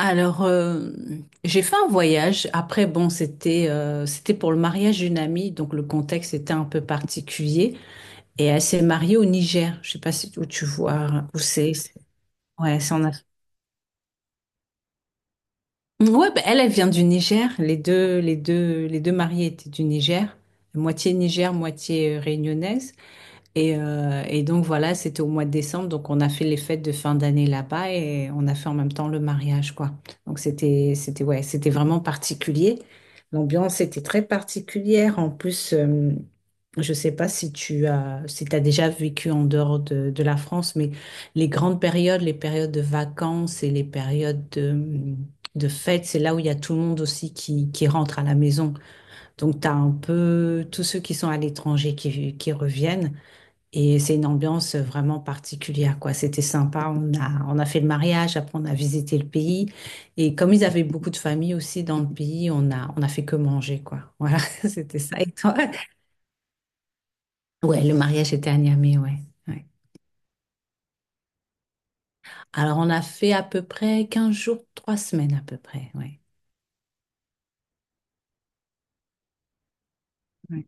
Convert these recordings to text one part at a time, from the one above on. Alors, euh, j'ai fait un voyage. Après, bon, c'était pour le mariage d'une amie, donc le contexte était un peu particulier. Et elle s'est mariée au Niger. Je sais pas si où tu vois où c'est. Ouais, c'est en Afrique. Ouais, bah, elle vient du Niger. Les deux mariés étaient du Niger, moitié réunionnaise. Et donc voilà, c'était au mois de décembre, donc on a fait les fêtes de fin d'année là-bas et on a fait en même temps le mariage, quoi. Donc c'était vraiment particulier. L'ambiance était très particulière. En plus. Je sais pas si t'as déjà vécu en dehors de la France, mais les grandes périodes, les périodes de vacances et les périodes de fêtes, c'est là où il y a tout le monde aussi qui rentre à la maison. Donc tu as un peu tous ceux qui sont à l'étranger qui reviennent. Et c'est une ambiance vraiment particulière, quoi. C'était sympa. On a fait le mariage, après on a visité le pays. Et comme ils avaient beaucoup de familles aussi dans le pays, on a fait que manger, quoi. Voilà, c'était ça. Et toi? Ouais, le mariage était à Niamey, ouais. Ouais. Alors on a fait à peu près 15 jours, 3 semaines à peu près, ouais. Ouais.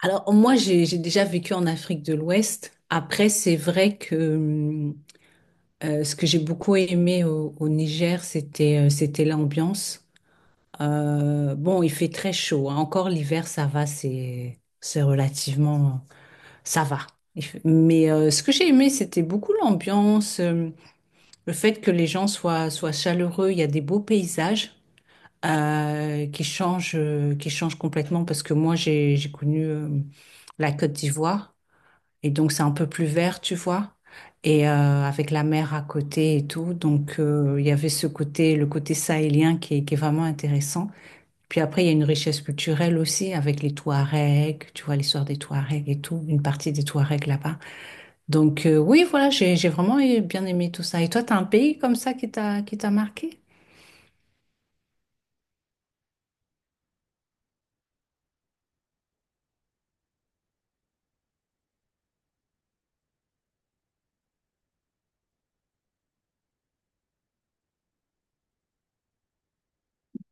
Alors moi, j'ai déjà vécu en Afrique de l'Ouest. Après, c'est vrai que ce que j'ai beaucoup aimé au Niger, c'était l'ambiance. Bon, il fait très chaud, hein. Encore l'hiver, ça va, c'est relativement... Ça va. Il fait- Mais Ce que j'ai aimé, c'était beaucoup l'ambiance, le fait que les gens soient chaleureux. Il y a des beaux paysages qui changent complètement parce que moi, j'ai connu la Côte d'Ivoire et donc c'est un peu plus vert, tu vois, et avec la mer à côté et tout. Donc, il y avait ce côté, le côté sahélien qui est vraiment intéressant. Puis après, il y a une richesse culturelle aussi avec les Touaregs, tu vois l'histoire des Touaregs et tout, une partie des Touaregs là-bas. Donc oui, voilà, bien aimé tout ça. Et toi, t'as un pays comme ça qui t'a marqué?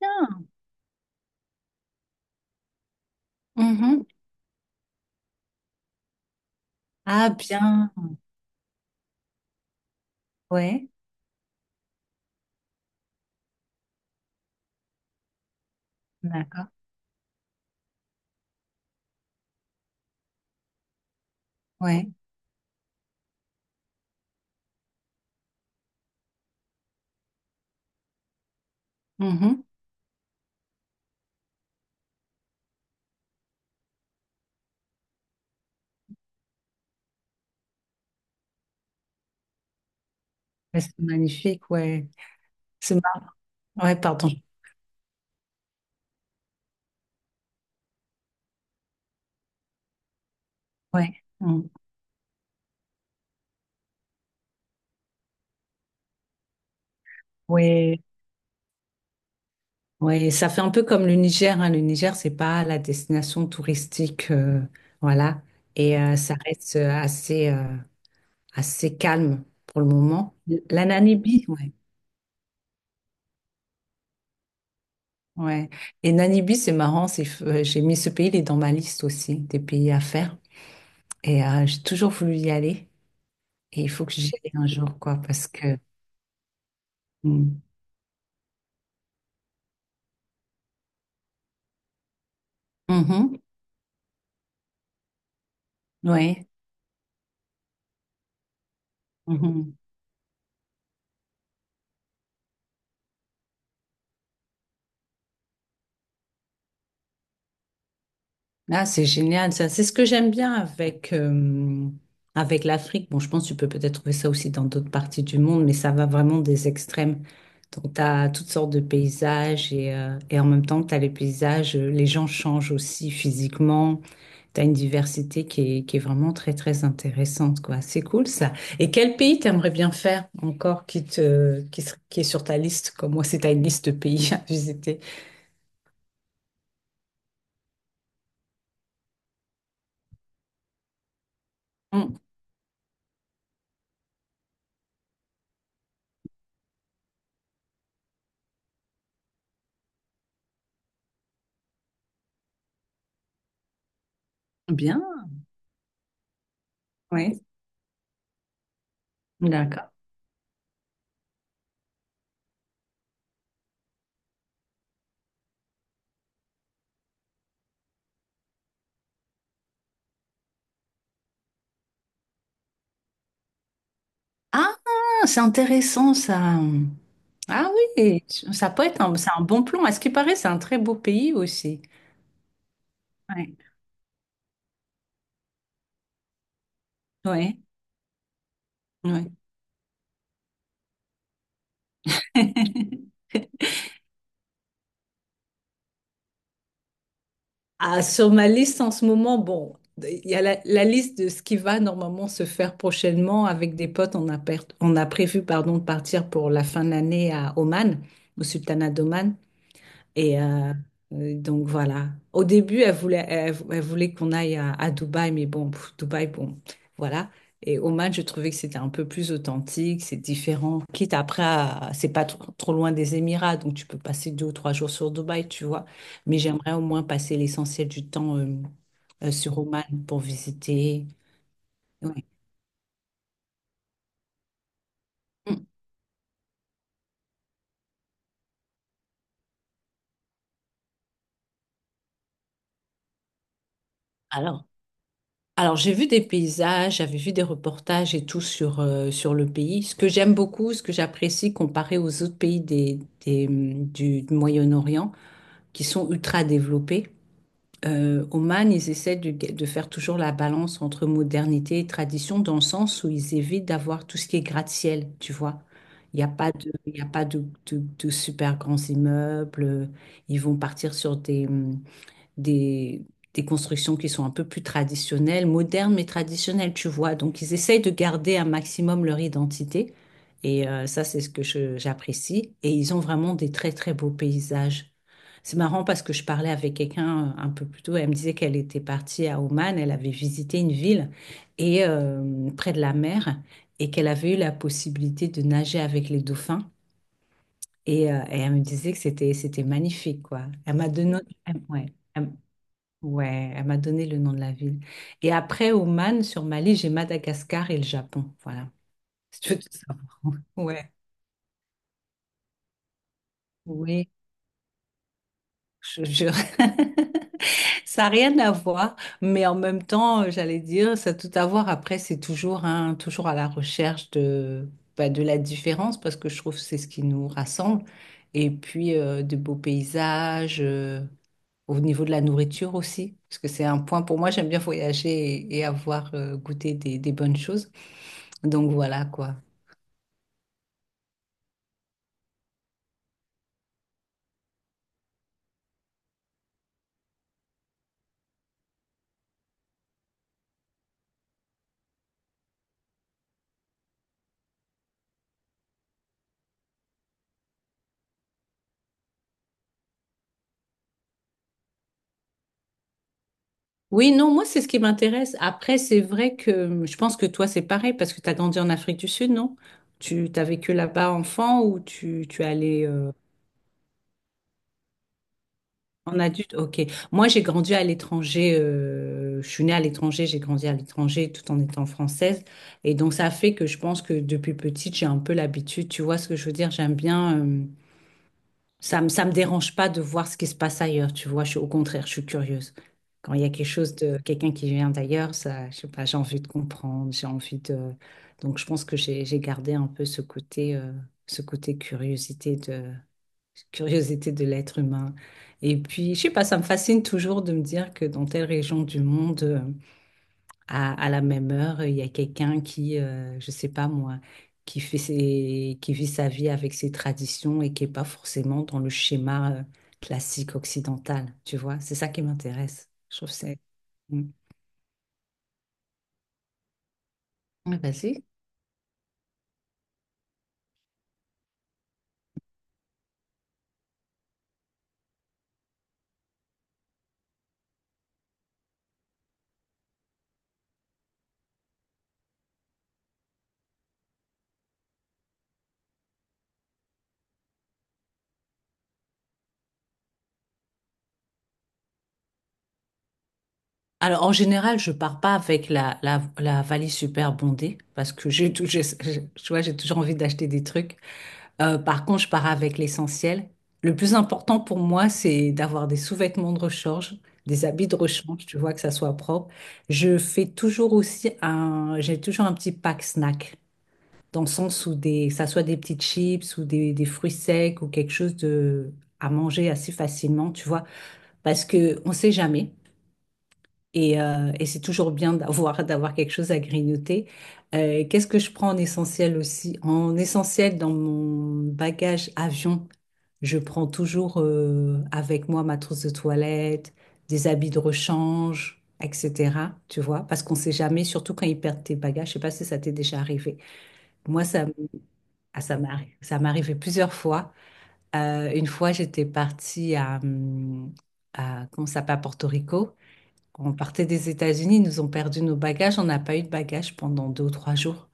Bien. Mhm. Ah bien, ouais, d'accord, ouais. Mhm. Ouais, c'est magnifique, ouais. C'est mar- ouais, pardon, ouais, mm. Ouais, ouais. Ça fait un peu comme le Niger, hein. Le Niger, c'est pas la destination touristique, voilà, et ça reste assez calme pour le moment. La Namibie, ouais. Ouais. Et Namibie, c'est marrant, j'ai mis ce pays, il est dans ma liste aussi des pays à faire. Et j'ai toujours voulu y aller. Et il faut que j'y aille un jour, quoi, parce que. Mm. Mhm. Ouais. Mhm. Ah, c'est génial, ça. C'est ce que j'aime bien avec avec l'Afrique. Bon, je pense que tu peux peut-être trouver ça aussi dans d'autres parties du monde, mais ça va vraiment des extrêmes. Donc, tu as toutes sortes de paysages et en même temps que tu as les paysages, les gens changent aussi physiquement. Tu as une diversité qui est vraiment très intéressante, quoi. C'est cool, ça. Et quel pays t'aimerais bien faire encore qui te, qui est sur ta liste, comme moi, c'est ta liste de pays à visiter? Hum, Bien, oui. D'accord. Ah, c'est intéressant ça. Ah oui, ça peut être un, c'est un bon plan. À ce qui paraît, c'est un très beau pays aussi. Ouais, ouais, ouais. Ah, sur ma liste en ce moment, bon, il y a la liste de ce qui va normalement se faire prochainement avec des potes. On a prévu, pardon, de partir pour la fin de l'année à Oman, au Sultanat d'Oman. Et euh, donc voilà. Au début, elle voulait qu'on aille à Dubaï, mais bon, pff, Dubaï, bon, voilà. Et Oman, je trouvais que c'était un peu plus authentique, c'est différent. Quitte après, c'est pas trop loin des Émirats, donc tu peux passer 2 ou 3 jours sur Dubaï, tu vois. Mais j'aimerais au moins passer l'essentiel du temps sur Oman pour visiter. Ouais. Mm. Alors, Alors, j'ai vu des paysages, j'avais vu des reportages et tout sur, sur le pays. Ce que j'aime beaucoup, ce que j'apprécie comparé aux autres pays du Moyen-Orient qui sont ultra développés, Oman, ils essaient de faire toujours la balance entre modernité et tradition dans le sens où ils évitent d'avoir tout ce qui est gratte-ciel, tu vois. Il y a pas de super grands immeubles, ils vont partir sur des, des constructions qui sont un peu plus traditionnelles, modernes mais traditionnelles, tu vois. Donc, ils essayent de garder un maximum leur identité. Et ça, c'est ce que j'apprécie. Et ils ont vraiment des très beaux paysages. C'est marrant parce que je parlais avec quelqu'un un peu plus tôt. Elle me disait qu'elle était partie à Oman. Elle avait visité une ville et près de la mer et qu'elle avait eu la possibilité de nager avec les dauphins. Et elle me disait que c'était magnifique, quoi. Elle m'a donné, ouais. Ouais, elle m'a donné le nom de la ville. Et après, Oman, sur Mali, j'ai Madagascar et le Japon. Voilà, si tu veux tout savoir. Ouais, oui, je jure. Ça n'a rien à voir, mais en même temps, j'allais dire, ça a tout à voir. Après, c'est toujours, hein, toujours à la recherche de, bah, de la différence, parce que je trouve que c'est ce qui nous rassemble. Et puis, de beaux paysages, au niveau de la nourriture aussi, parce que c'est un point pour moi, j'aime bien voyager et avoir goûté des bonnes choses. Donc voilà quoi. Oui, non, moi c'est ce qui m'intéresse. Après, c'est vrai que je pense que toi c'est pareil parce que tu as grandi en Afrique du Sud, non? Tu t'as vécu là-bas enfant ou tu es allé en adulte? Ok. Moi j'ai grandi à l'étranger, je suis née à l'étranger, j'ai grandi à l'étranger tout en étant française. Et donc ça fait que je pense que depuis petite j'ai un peu l'habitude, tu vois ce que je veux dire? J'aime bien, ça me dérange pas de voir ce qui se passe ailleurs, tu vois. Je suis, au contraire, je suis curieuse. Quand il y a quelque chose de quelqu'un qui vient d'ailleurs, ça, je sais pas, j'ai envie de comprendre, j'ai envie de. Donc, je pense que j'ai gardé un peu ce côté curiosité de l'être humain. Et puis, je sais pas, ça me fascine toujours de me dire que dans telle région du monde, à la même heure, il y a quelqu'un qui, je sais pas moi, qui vit sa vie avec ses traditions et qui est pas forcément dans le schéma classique occidental, tu vois? C'est ça qui m'intéresse. Je trouve que c'est... Mm. Ouais, vas-y. Alors, en général, je pars pas avec la valise super bondée parce que j'ai tout, j'ai- tu vois, j'ai toujours envie d'acheter des trucs. Par contre, je pars avec l'essentiel. Le plus important pour moi, c'est d'avoir des sous-vêtements de rechange, des habits de rechange, tu vois, que ça soit propre. Je fais toujours aussi j'ai toujours un petit pack snack, dans le sens où que ça soit des petites chips ou des fruits secs ou quelque chose de, à manger assez facilement, tu vois, parce que on sait jamais. Et c'est toujours bien d'avoir d'avoir quelque chose à grignoter. Qu'est-ce que je prends en essentiel aussi? En essentiel, dans mon bagage avion, je prends toujours avec moi ma trousse de toilette, des habits de rechange, etc. Tu vois, parce qu'on sait jamais, surtout quand ils perdent tes bagages. Je sais pas si ça t'est déjà arrivé. Moi, ça, m- ah, ça m'est arri- Ça m'est arrivé plusieurs fois. Une fois, j'étais partie à comment ça s'appelle, à Porto Rico. Quand on partait des États-Unis, ils nous ont perdu nos bagages. On n'a pas eu de bagages pendant 2 ou 3 jours.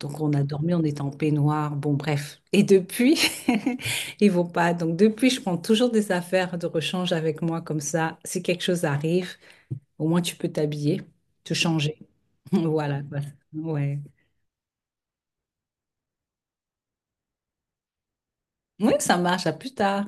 Donc on a dormi, on était en peignoir. Bon, bref. Et depuis, ils vont pas. Donc depuis, je prends toujours des affaires de rechange avec moi comme ça. Si quelque chose arrive, au moins tu peux t'habiller, te changer. Voilà, quoi. Ouais. Oui, ça marche. À plus tard.